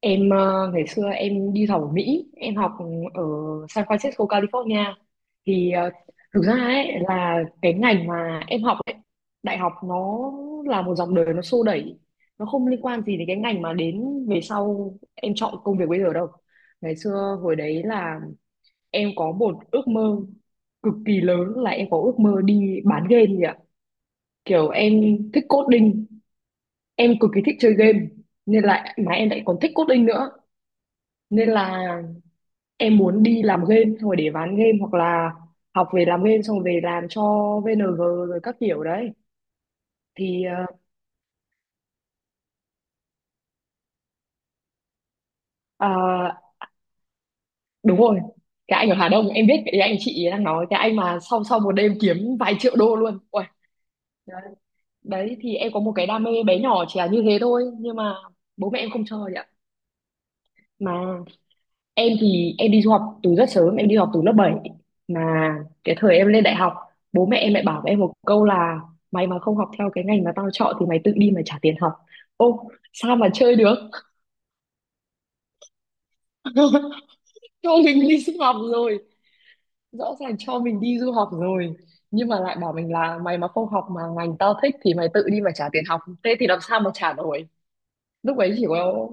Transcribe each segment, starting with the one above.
Em ngày xưa em đi học ở Mỹ, em học ở San Francisco, California. Thì thực ra ấy là cái ngành mà em học ấy, đại học nó là một dòng đời nó xô đẩy, nó không liên quan gì đến cái ngành mà đến về sau em chọn công việc bây giờ đâu. Ngày xưa hồi đấy là em có một ước mơ cực kỳ lớn, là em có ước mơ đi bán game gì ạ. Kiểu em thích coding, em cực kỳ thích chơi game nên là mà em lại còn thích coding nữa, nên là em muốn đi làm game xong rồi để bán game, hoặc là học về làm game xong rồi về làm cho VNG rồi các kiểu đấy. Thì ờ, à, đúng rồi, cái anh ở Hà Đông em biết, cái anh chị đang nói, cái anh mà sau sau một đêm kiếm vài triệu đô luôn. Uầy, đấy. Đấy thì em có một cái đam mê bé nhỏ chỉ là như thế thôi, nhưng mà bố mẹ em không cho vậy ạ. Mà em thì em đi du học từ rất sớm, em đi học từ lớp 7, mà cái thời em lên đại học, bố mẹ em lại bảo với em một câu là mày mà không học theo cái ngành mà tao chọn thì mày tự đi mà trả tiền học. Ô, sao mà chơi được. Cho mình đi du học rồi, rõ ràng cho mình đi du học rồi, nhưng mà lại bảo mình là mày mà không học mà ngành tao thích thì mày tự đi mà trả tiền học, thế thì làm sao mà trả nổi. Lúc ấy chỉ có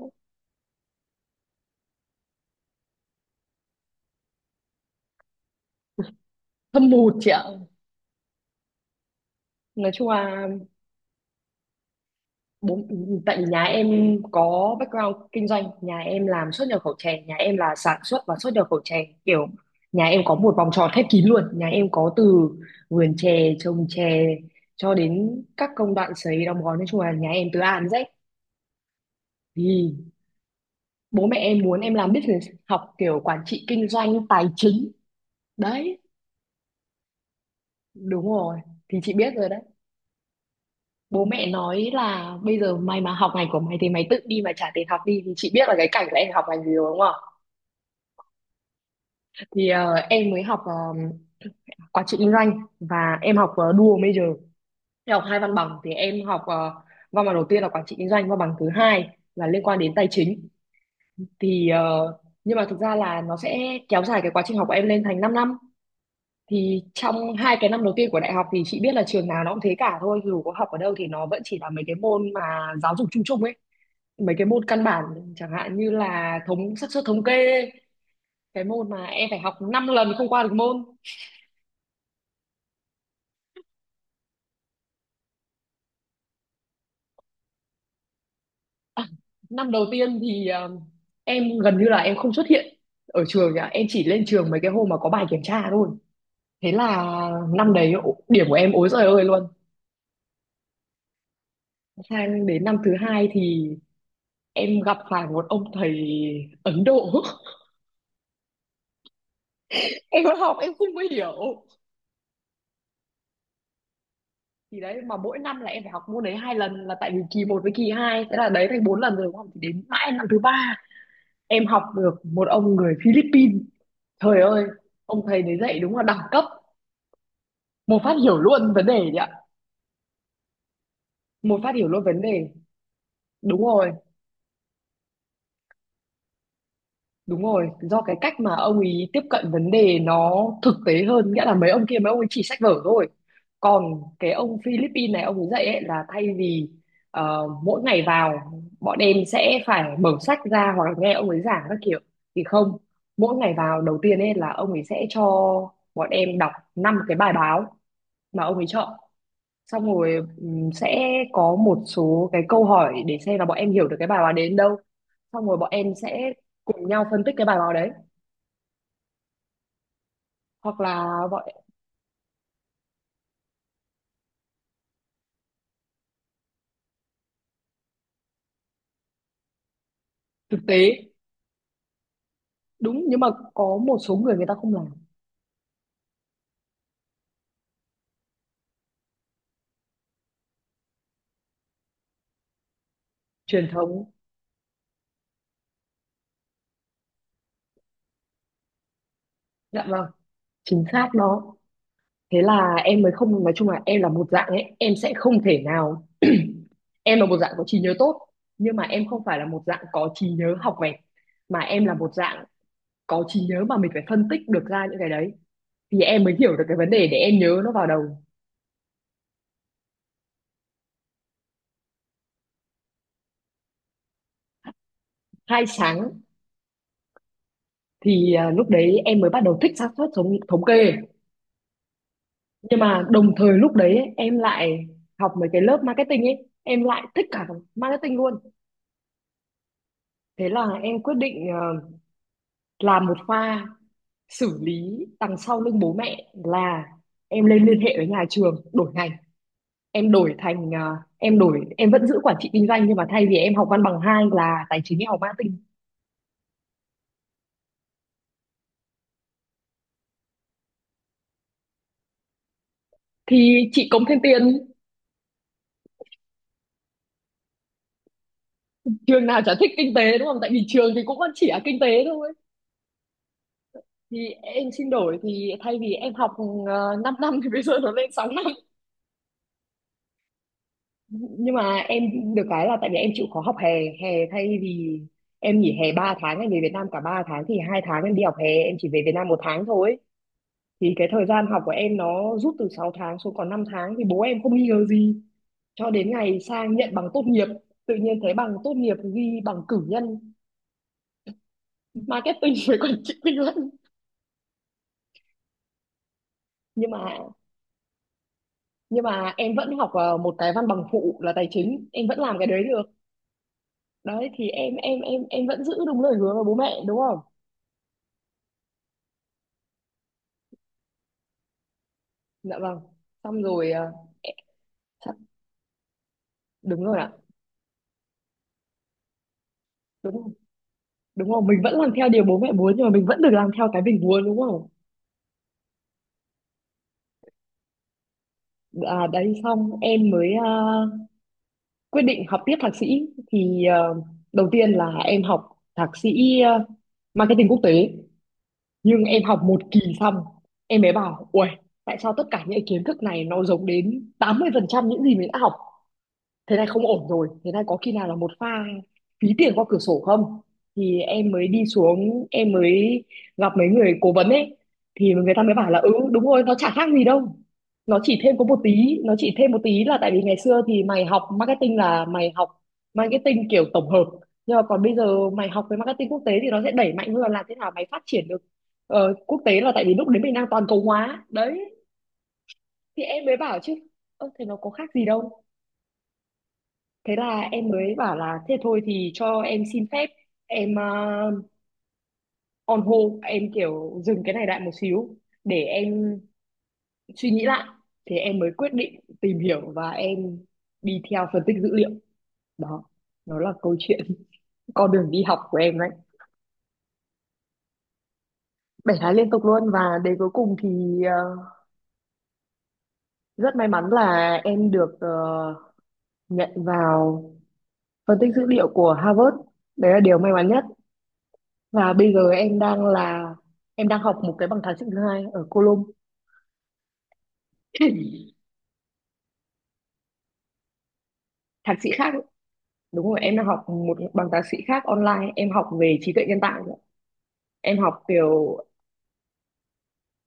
hâm mộ chị ạ. Nói chung là bốn, tại vì nhà em có background kinh doanh, nhà em làm xuất nhập khẩu chè, nhà em là sản xuất và xuất nhập khẩu chè, kiểu nhà em có một vòng tròn khép kín luôn. Nhà em có từ vườn chè, trồng chè cho đến các công đoạn sấy, đóng gói, nói chung là nhà em từ A đến Z. Thì bố mẹ em muốn em làm business, học kiểu quản trị kinh doanh, tài chính, đấy. Đúng rồi, thì chị biết rồi đấy. Bố mẹ nói là bây giờ mày mà học ngành của mày thì mày tự đi mà trả tiền học đi, thì chị biết là cái cảnh là em học ngành gì rồi đúng không. Thì em mới học quản trị kinh doanh, và em học dual major. Em học hai văn bằng, thì em học văn bằng đầu tiên là quản trị kinh doanh, văn bằng thứ hai là liên quan đến tài chính. Thì nhưng mà thực ra là nó sẽ kéo dài cái quá trình học của em lên thành 5 năm. Thì trong hai cái năm đầu tiên của đại học, thì chị biết là trường nào nó cũng thế cả thôi, dù có học ở đâu thì nó vẫn chỉ là mấy cái môn mà giáo dục chung chung ấy, mấy cái môn căn bản, chẳng hạn như là xác suất thống kê, cái môn mà em phải học 5 lần không qua được môn. À, năm đầu tiên thì em gần như là em không xuất hiện ở trường nhá, em chỉ lên trường mấy cái hôm mà có bài kiểm tra thôi. Thế là năm đấy điểm của em ối giời ơi luôn. Sang đến năm thứ hai thì em gặp phải một ông thầy Ấn Độ, em học em không có hiểu. Thì đấy mà mỗi năm là em phải học môn đấy hai lần là tại vì kỳ một với kỳ hai, thế là đấy thành bốn lần rồi đúng không. Thì đến mãi năm thứ ba, em học được một ông người Philippines, trời ơi, ông thầy đấy dạy đúng là đẳng cấp, một phát hiểu luôn vấn đề nhỉ. Một phát hiểu luôn vấn đề. Đúng rồi. Đúng rồi, do cái cách mà ông ấy tiếp cận vấn đề nó thực tế hơn, nghĩa là mấy ông kia, mấy ông ấy chỉ sách vở thôi. Còn cái ông Philippines này, ông ấy dạy ấy là thay vì mỗi ngày vào, bọn em sẽ phải mở sách ra hoặc là nghe ông ấy giảng các kiểu, thì không. Mỗi ngày vào đầu tiên ấy là ông ấy sẽ cho bọn em đọc năm cái bài báo mà ông ấy chọn. Xong rồi sẽ có một số cái câu hỏi để xem là bọn em hiểu được cái bài báo đến đâu. Xong rồi bọn em sẽ cùng nhau phân tích cái bài báo đấy, hoặc là bọn thực tế. Đúng, nhưng mà có một số người người ta không làm truyền thống. Dạ vâng, chính xác đó. Thế là em mới không, nói chung là em là một dạng ấy, em sẽ không thể nào, em là một dạng có trí nhớ tốt nhưng mà em không phải là một dạng có trí nhớ học vẹt, mà em là một dạng có trí nhớ mà mình phải phân tích được ra những cái đấy, thì em mới hiểu được cái vấn đề để em nhớ nó vào đầu. Hai sáng, thì lúc đấy em mới bắt đầu thích xác suất thống thống kê. Nhưng mà đồng thời lúc đấy ấy, em lại học mấy cái lớp marketing ấy, em lại thích cả marketing luôn. Thế là em quyết định làm một pha xử lý đằng sau lưng bố mẹ, là em lên liên hệ với nhà trường đổi ngành. Em đổi thành ờ, em đổi em vẫn giữ quản trị kinh doanh, nhưng mà thay vì em học văn bằng hai là tài chính, em học marketing. Thì chị cống thêm tiền, trường nào chả thích kinh tế đúng không, tại vì trường thì cũng vẫn chỉ là kinh tế thôi. Thì em xin đổi, thì thay vì em học 5 năm thì bây giờ nó lên 6 năm. Nhưng mà em được cái là tại vì em chịu khó học hè, hè thay vì em nghỉ hè 3 tháng em về Việt Nam cả 3 tháng, thì 2 tháng em đi học hè, em chỉ về Việt Nam một tháng thôi. Thì cái thời gian học của em nó rút từ 6 tháng xuống còn 5 tháng, thì bố em không nghi ngờ gì cho đến ngày sang nhận bằng tốt nghiệp, tự nhiên thấy bằng tốt nghiệp ghi bằng cử nhân marketing với quản trị kinh doanh. Nhưng mà nhưng mà em vẫn học một cái văn bằng phụ là tài chính, em vẫn làm cái đấy được. Đấy thì em vẫn giữ đúng lời hứa với bố mẹ đúng không. Dạ vâng, xong rồi ẹ, chắc- đúng rồi ạ. Đúng không, đúng rồi, mình vẫn làm theo điều bố mẹ muốn nhưng mà mình vẫn được làm theo cái mình muốn đúng không. Đấy, xong em mới quyết định học tiếp thạc sĩ. Thì đầu tiên là em học thạc sĩ marketing quốc tế. Nhưng em học một kỳ xong, em mới bảo ui, tại sao tất cả những kiến thức này nó giống đến 80% những gì mình đã học. Thế này không ổn rồi, thế này có khi nào là một pha phí tiền qua cửa sổ không. Thì em mới đi xuống, em mới gặp mấy người cố vấn ấy, thì người ta mới bảo là ừ đúng rồi, nó chả khác gì đâu. Nó chỉ thêm có một tí, nó chỉ thêm một tí là tại vì ngày xưa thì mày học marketing là mày học marketing kiểu tổng hợp, nhưng mà còn bây giờ mày học về marketing quốc tế thì nó sẽ đẩy mạnh hơn là làm thế nào mày phát triển được quốc tế, là tại vì lúc đấy mình đang toàn cầu hóa đấy. Thì em mới bảo chứ, ơ thế nó có khác gì đâu. Thế là em mới bảo là thế thôi, thì cho em xin phép, em on hold, em kiểu dừng cái này lại một xíu để em suy nghĩ lại. Thì em mới quyết định tìm hiểu và em đi theo phân tích dữ liệu. Đó, nó là câu chuyện con đường đi học của em đấy. 7 tháng liên tục luôn, và đến cuối cùng thì rất may mắn là em được nhận vào phân tích dữ liệu của Harvard, đấy là điều may mắn nhất. Và bây giờ em đang là em đang học một cái bằng thạc sĩ thứ hai ở Colom. Thạc sĩ khác ấy. Đúng rồi, em đang học một bằng thạc sĩ khác online, em học về trí tuệ nhân tạo nữa. Em học kiểu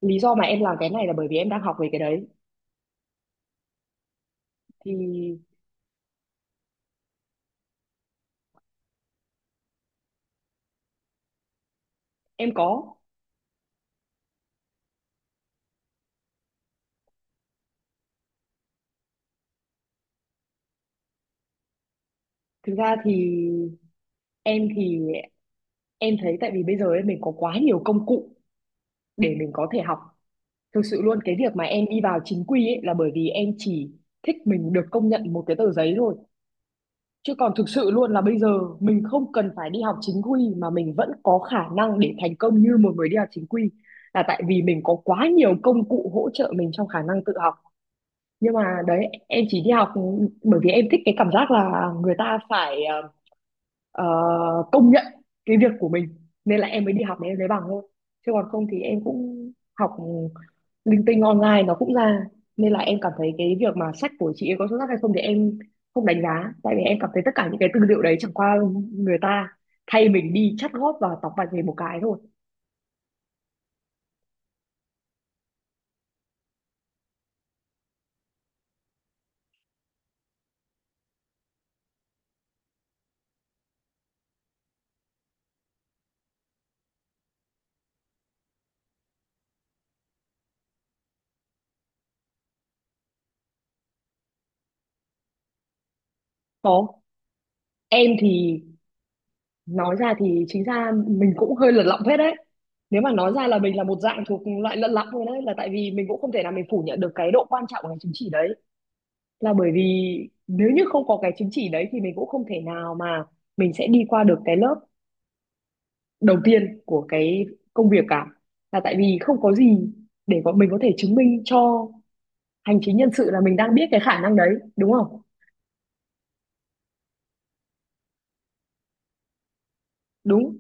lý do mà em làm cái này là bởi vì em đang học về cái đấy thì em có, thực ra thì em thì em thấy tại vì bây giờ ấy, mình có quá nhiều công cụ để mình có thể học. Thực sự luôn cái việc mà em đi vào chính quy ấy là bởi vì em chỉ thích mình được công nhận một cái tờ giấy thôi. Chứ còn thực sự luôn là bây giờ mình không cần phải đi học chính quy mà mình vẫn có khả năng để thành công như một người đi học chính quy, là tại vì mình có quá nhiều công cụ hỗ trợ mình trong khả năng tự học. Nhưng mà đấy, em chỉ đi học bởi vì em thích cái cảm giác là người ta phải ờ, công nhận cái việc của mình, nên là em mới đi học để em lấy bằng thôi. Chứ còn không thì em cũng học linh tinh online nó cũng ra, nên là em cảm thấy cái việc mà sách của chị ấy có xuất sắc hay không thì em không đánh giá, tại vì em cảm thấy tất cả những cái tư liệu đấy chẳng qua người ta thay mình đi chắt góp và tóc bạch về một cái thôi. Có, em thì nói ra thì chính ra mình cũng hơi lật lọng phết đấy, nếu mà nói ra là mình là một dạng thuộc loại lật lọng thôi, đấy là tại vì mình cũng không thể nào mình phủ nhận được cái độ quan trọng của cái chứng chỉ đấy, là bởi vì nếu như không có cái chứng chỉ đấy thì mình cũng không thể nào mà mình sẽ đi qua được cái lớp đầu tiên của cái công việc cả, là tại vì không có gì để bọn mình có thể chứng minh cho hành chính nhân sự là mình đang biết cái khả năng đấy, đúng không? Đúng,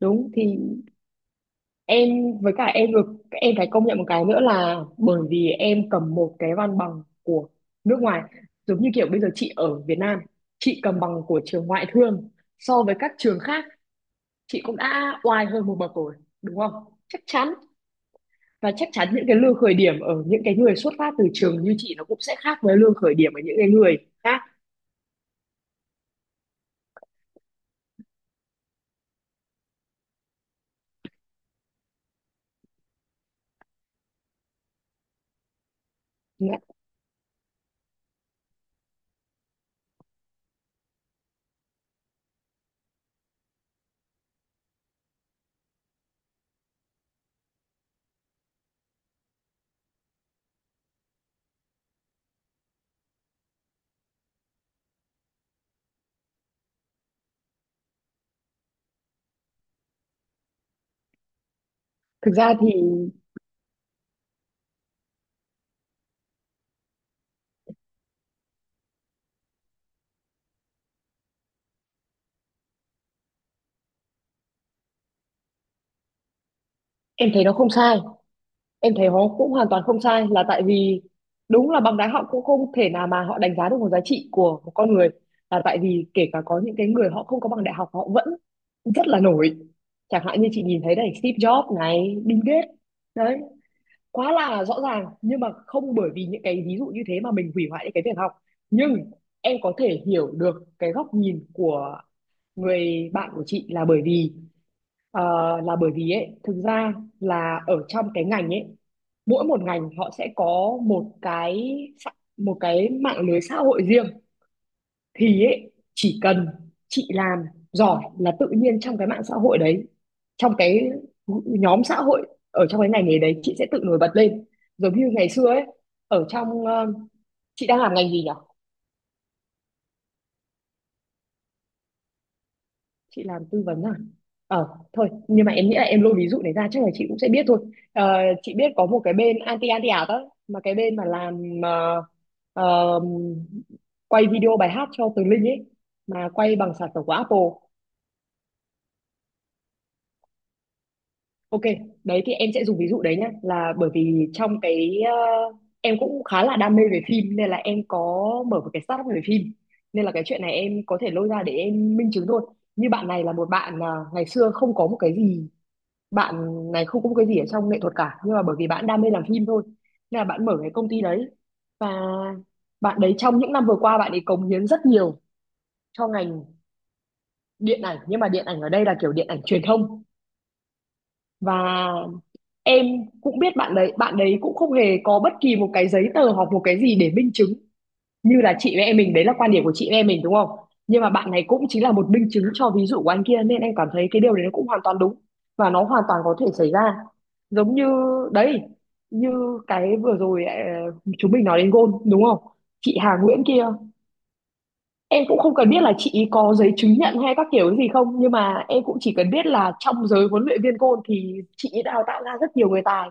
đúng, thì em với cả em được, em phải công nhận một cái nữa là bởi vì em cầm một cái văn bằng của nước ngoài, giống như kiểu bây giờ chị ở Việt Nam, chị cầm bằng của trường ngoại thương so với các trường khác, chị cũng đã oai hơn một bậc rồi, đúng không? Chắc chắn, và chắc chắn những cái lương khởi điểm ở những cái người xuất phát từ trường như chị nó cũng sẽ khác với lương khởi điểm ở những cái người khác. Dạ. Thực ra thì em thấy nó không sai, em thấy nó cũng hoàn toàn không sai, là tại vì đúng là bằng đá họ cũng không thể nào mà họ đánh giá được một giá trị của một con người, là tại vì kể cả có những cái người họ không có bằng đại học họ vẫn rất là nổi, chẳng hạn như chị nhìn thấy này, Steve Jobs này, Bill Gates, đấy, quá là rõ ràng. Nhưng mà không bởi vì những cái ví dụ như thế mà mình hủy hoại những cái việc học. Nhưng em có thể hiểu được cái góc nhìn của người bạn của chị, là bởi vì ờ, là bởi vì ấy, thực ra là ở trong cái ngành ấy, mỗi một ngành họ sẽ có một cái một cái mạng lưới xã hội riêng, thì ấy, chỉ cần chị làm giỏi là tự nhiên trong cái mạng xã hội đấy, trong cái nhóm xã hội ở trong cái ngành nghề đấy, chị sẽ tự nổi bật lên. Giống như ngày xưa ấy, ở trong chị đang làm ngành gì nhỉ? Chị làm tư vấn à? Ờ, thôi nhưng mà em nghĩ là em lôi ví dụ này ra chắc là chị cũng sẽ biết thôi. Ờ, chị biết có một cái bên anti anti ảo đó mà, cái bên mà làm ờ, quay video bài hát cho Tường Linh ấy, mà quay bằng sản phẩm của Apple. Ok, đấy thì em sẽ dùng ví dụ đấy nhá, là bởi vì trong cái em cũng khá là đam mê về phim nên là em có mở một cái startup về phim. Nên là cái chuyện này em có thể lôi ra để em minh chứng thôi. Như bạn này là một bạn à, ngày xưa không có một cái gì, bạn này không có một cái gì ở trong nghệ thuật cả, nhưng mà bởi vì bạn đam mê làm phim thôi. Nên là bạn mở cái công ty đấy, và bạn đấy trong những năm vừa qua bạn ấy cống hiến rất nhiều cho ngành điện ảnh, nhưng mà điện ảnh ở đây là kiểu điện ảnh truyền thông. Và em cũng biết bạn đấy cũng không hề có bất kỳ một cái giấy tờ hoặc một cái gì để minh chứng như là chị với em mình, đấy là quan điểm của chị với em mình, đúng không? Nhưng mà bạn này cũng chính là một minh chứng cho ví dụ của anh kia, nên em cảm thấy cái điều đấy nó cũng hoàn toàn đúng, và nó hoàn toàn có thể xảy ra. Giống như đấy, như cái vừa rồi chúng mình nói đến gôn đúng không, chị Hà Nguyễn kia, em cũng không cần biết là chị ý có giấy chứng nhận hay các kiểu cái gì không, nhưng mà em cũng chỉ cần biết là trong giới huấn luyện viên gôn thì chị ý đào tạo ra rất nhiều người tài,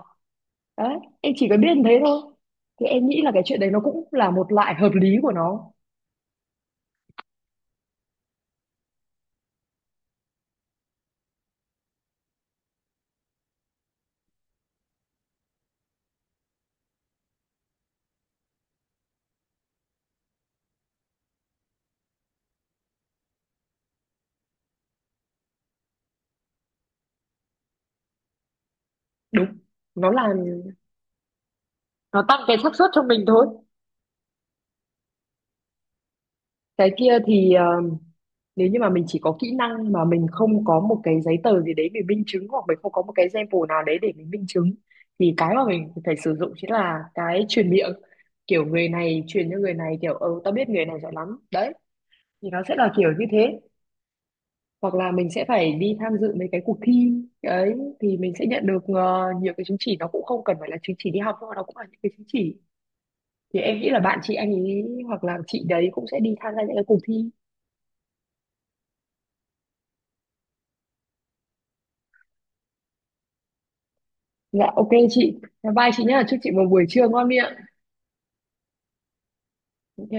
đấy em chỉ có biết như thế thôi. Thì em nghĩ là cái chuyện đấy nó cũng là một loại hợp lý của nó. Đúng, nó là, nó tăng cái xác suất cho mình thôi. Cái kia thì nếu như mà mình chỉ có kỹ năng mà mình không có một cái giấy tờ gì đấy mình minh chứng, hoặc mình không có một cái sample nào đấy để mình minh chứng, thì cái mà mình phải sử dụng chính là cái truyền miệng, kiểu người này truyền cho người này kiểu ừ tao biết người này giỏi lắm đấy, thì nó sẽ là kiểu như thế. Hoặc là mình sẽ phải đi tham dự mấy cái cuộc thi ấy, thì mình sẽ nhận được nhiều cái chứng chỉ, nó cũng không cần phải là chứng chỉ đi học nhưng mà nó cũng là những cái chứng chỉ, thì em nghĩ là bạn chị anh ấy hoặc là chị đấy cũng sẽ đi tham gia những cái cuộc thi. Dạ, ok chị, bye chị nhá, chúc chị một buổi trưa ngon miệng. Ok.